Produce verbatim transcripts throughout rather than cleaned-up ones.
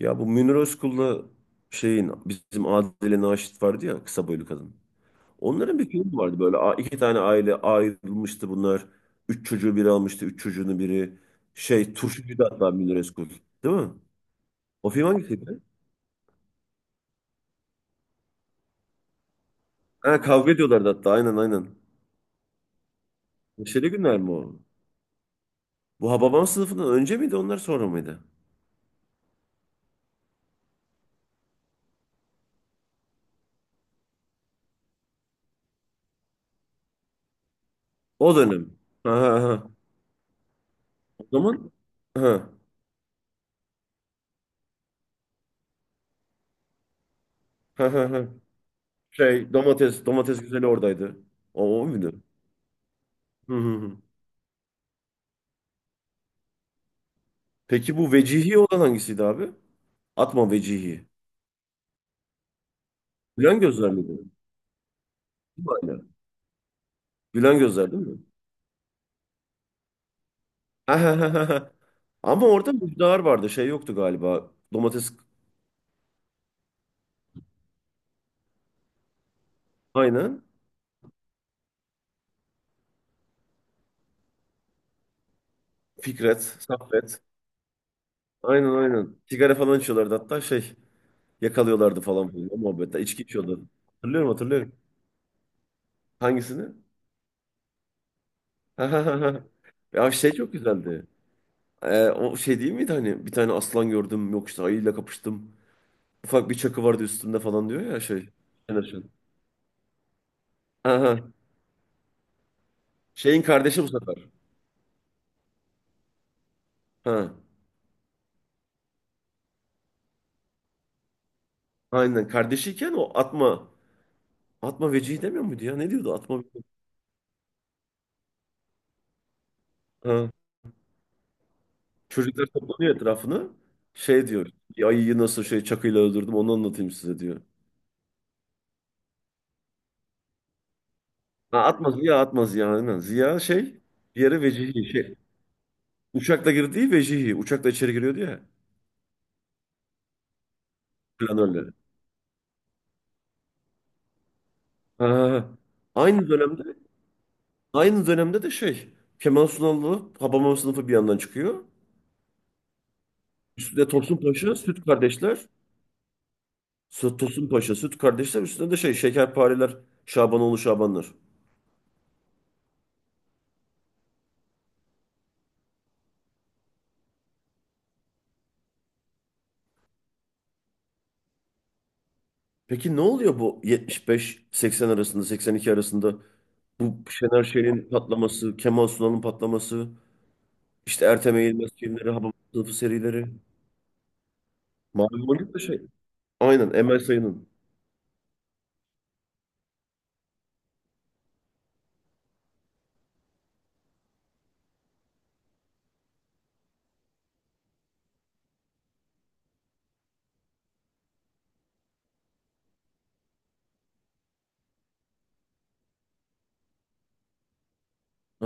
Ya bu Münir Özkul'la şeyin bizim Adile Naşit vardı ya, kısa boylu kadın. Onların bir filmi vardı böyle, a- iki tane aile ayrılmıştı bunlar. Üç çocuğu biri almıştı. Üç çocuğunu biri şey, turşucuydu hatta Münir Özkul. Değil mi? O film hangisiydi? Ha, kavga ediyorlardı hatta, aynen aynen. Neşeli günler mi o? Bu Hababam Sınıfı'ndan önce miydi, onlar sonra mıydı? O dönem. Ha, ha, ha. O zaman ha, ha, ha, ha. Şey, domates domates güzeli oradaydı. O, o muydu? Hı hı hı. Peki bu Vecihi olan hangisiydi abi? Atma Vecihi. Gülen Gözler miydi? Değil mi aynen? Gülen Gözler değil mi? Ha, ha, ha, ha, ha. Ama orada Müjdar vardı. Şey yoktu galiba. Domates aynen. Fikret, Saffet. Aynen aynen. Sigara falan içiyorlardı hatta, şey. Yakalıyorlardı falan filan o muhabbette. İçki içiyordu. Hatırlıyorum hatırlıyorum. Hangisini? Ha, ha, ha, ha. Ya şey, çok güzeldi. Ee, o şey değil miydi hani, bir tane aslan gördüm, yok işte ayıyla kapıştım. Ufak bir çakı vardı üstümde falan diyor ya şey. Şener Şen. Aha. Şeyin kardeşi bu sefer. Ha. Aynen. Kardeşiyken o atma. Atma Vecihi demiyor muydu ya? Ne diyordu? Atma Vecihi. Ha. Çocuklar toplanıyor etrafını. Şey diyor. "Bir ayıyı nasıl şey, çakıyla öldürdüm, onu anlatayım size," diyor. Ha, atma Ziya, atma Ziya. Aynen. Ziya şey. Diğeri Vecihi. Şey, uçakla girdiği Vecihi. Uçakla içeri giriyordu ya. Planörleri. Ha. Aynı dönemde aynı dönemde de şey. Kemal Sunal'la Habamam Sınıfı bir yandan çıkıyor. Üstüne Tosun Paşa, Süt Kardeşler. Süt Tosun Paşa, Süt Kardeşler üstünde de şey, Şekerpareler, Şabanoğlu Şabanlar. Peki ne oluyor bu yetmiş beş seksen arasında, seksen iki arasında? Bu Şener Şen'in patlaması, Kemal Sunal'ın patlaması, işte Ertem Eğilmez filmleri, Hababam Sınıfı serileri. Mavi Boncuk da şey. Aynen, Emel Sayın'ın.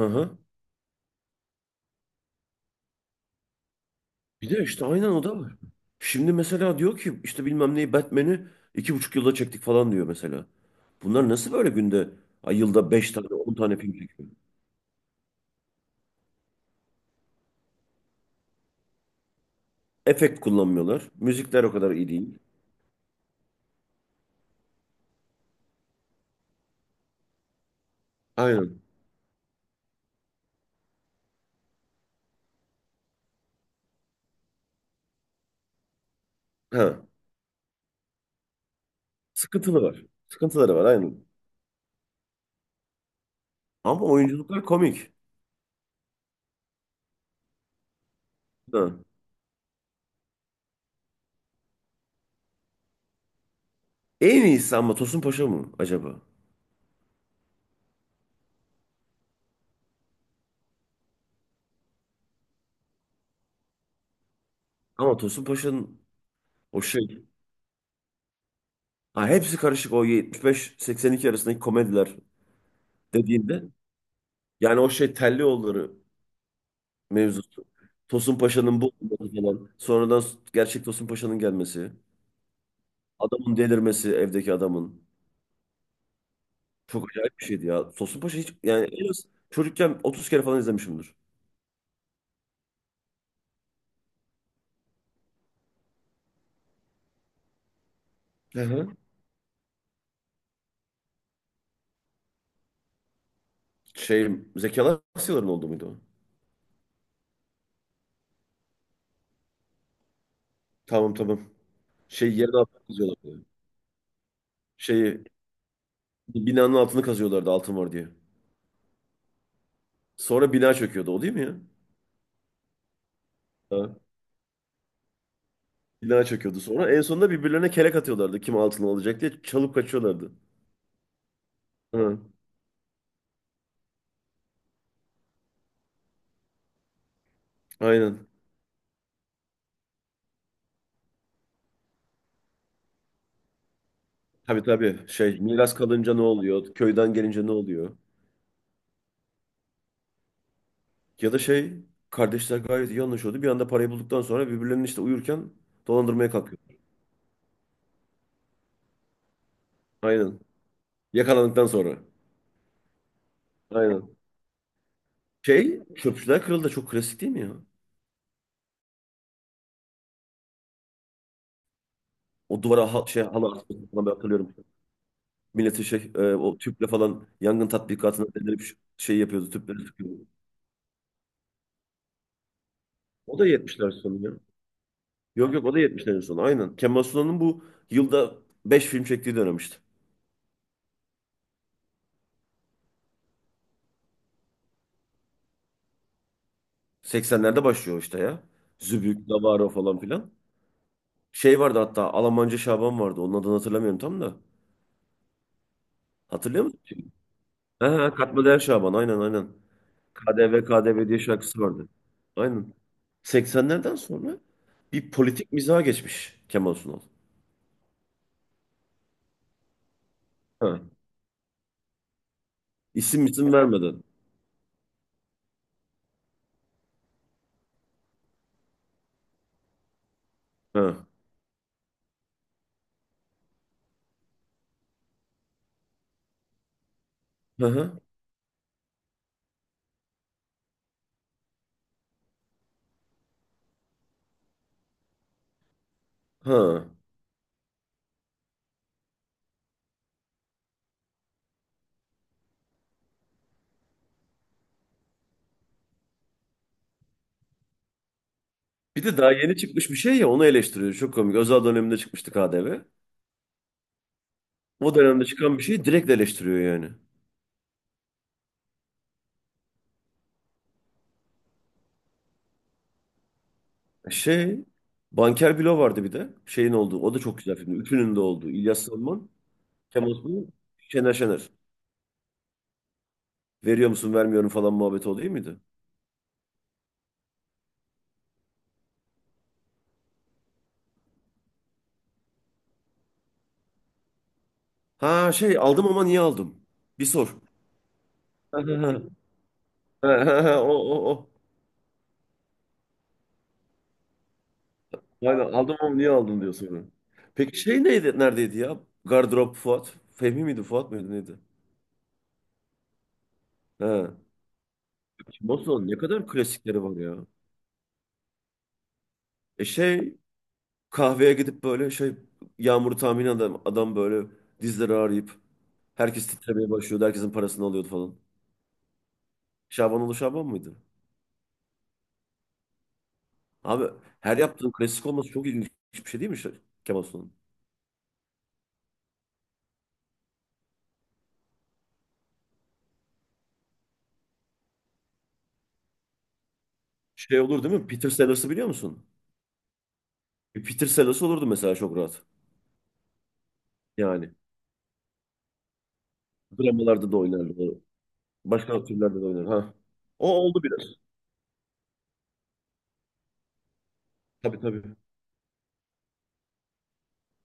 Aha. Bir de işte aynen, o da var. Şimdi mesela diyor ki işte bilmem neyi, Batman'i iki buçuk yılda çektik falan diyor mesela. Bunlar nasıl böyle günde, ay, yılda beş tane on tane film çekiyor? Efekt kullanmıyorlar. Müzikler o kadar iyi değil. Aynen. Ha. Sıkıntılı var. Sıkıntıları var aynen. Ama oyunculuklar komik. Ha. En iyisi ama Tosun Paşa mı acaba? Ama Tosun Paşa'nın o şey. Ha, hepsi karışık, o yetmiş beş seksen iki arasındaki komediler dediğinde. Yani o şey, Tellioğulları mevzusu. Tosun Paşa'nın bu olması falan. Sonradan gerçek Tosun Paşa'nın gelmesi. Adamın delirmesi, evdeki adamın. Çok acayip bir şeydi ya. Tosun Paşa hiç, yani en az çocukken otuz kere falan izlemişimdir. Hı hı. Şey, Zeki Alasyaların oldu muydu o? Tamam tamam. Şey, yerin altını kazıyorlardı. Şeyi, binanın altını kazıyorlardı altın var diye. Sonra bina çöküyordu o, değil mi ya? Ha. Bina çöküyordu sonra. En sonunda birbirlerine kelek atıyorlardı, kim altını alacak diye. Çalıp kaçıyorlardı. Ha. Aynen. Tabii tabii. Şey, miras kalınca ne oluyor? Köyden gelince ne oluyor? Ya da şey, kardeşler gayet iyi anlaşıyordu. Bir anda parayı bulduktan sonra birbirlerinin işte uyurken dolandırmaya kalkıyor. Aynen. Yakalandıktan sonra. Aynen. Şey, Çöpçüler Kralı da çok klasik, değil mi ya? O duvara ha- şey, halı asması falan, ben hatırlıyorum. Milleti şey, e, o tüple falan yangın tatbikatına delirip ş- şey yapıyordu, tüpleri sıkıyordu. O da yetmişler sonu ya. Yok yok, o da yetmişlerin sonu aynen. Kemal Sunal'ın bu yılda beş film çektiği dönem işte. seksenlerde başlıyor işte ya. Zübük, Davaro falan filan. Şey vardı hatta, Almanca Şaban vardı. Onun adını hatırlamıyorum tam da. Hatırlıyor musun şimdi? Ha, ha, katma değer Şaban, aynen aynen. K D V K D V diye şarkısı vardı. Aynen. seksenlerden sonra bir politik mizaha geçmiş Kemal Sunal. Ha. İsim isim vermeden. Ha, hı hı, ha. Bir de daha yeni çıkmış bir şey ya, onu eleştiriyor. Çok komik. Özal döneminde çıkmıştı K D V. O dönemde çıkan bir şeyi direkt eleştiriyor yani. Şey, Banker Bilo vardı bir de. Şeyin olduğu. O da çok güzel film. Ütünün de olduğu. İlyas Salman. Cem Osman, Şener Şener. Veriyor musun, vermiyorum falan muhabbeti, o değil miydi? Ha şey, aldım ama niye aldım? Bir sor. Ha, ha, ha. Ha, o o o. Aynen, aldım ama niye aldım diyor sonra. Peki şey neydi, neredeydi ya? Gardırop Fuat. Fehmi miydi, Fuat mıydı, neydi? Ha. Cem, ne kadar klasikleri var ya. E şey, kahveye gidip böyle şey, yağmuru tahmin, adam, adam böyle dizleri ağrıyıp herkes titremeye başlıyordu. Herkesin parasını alıyordu falan. Şaban oğlu Şaban mıydı? Abi, her yaptığın klasik olması çok ilginç bir şey değil mi, Ş- Kemal Sunal'ın? Şey olur değil mi? Peter Sellers'ı biliyor musun? Bir Peter Sellers olurdu mesela çok rahat. Yani dramalarda da oynardı. Başka türlerde de oynar. Ha. O oldu biraz. Tabii tabii.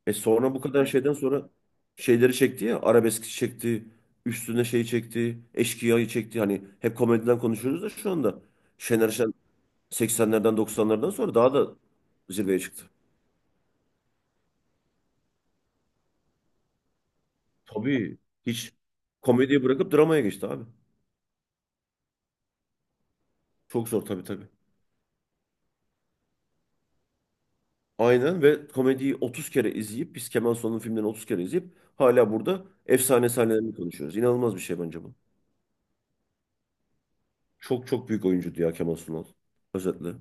E sonra bu kadar şeyden sonra şeyleri çekti ya. Arabesk çekti. Üstüne şey çekti. Eşkıya'yı çekti. Hani hep komediden konuşuyoruz da şu anda. Şener Şen seksenlerden doksanlardan sonra daha da zirveye çıktı. Tabii. Hiç komediyi bırakıp dramaya geçti abi. Çok zor tabii tabii. Aynen, ve komediyi otuz kere izleyip, biz Kemal Sunal'ın filmlerini otuz kere izleyip hala burada efsane sahnelerini konuşuyoruz. İnanılmaz bir şey bence bu. Çok çok büyük oyuncuydu ya Kemal Sunal. Özetle.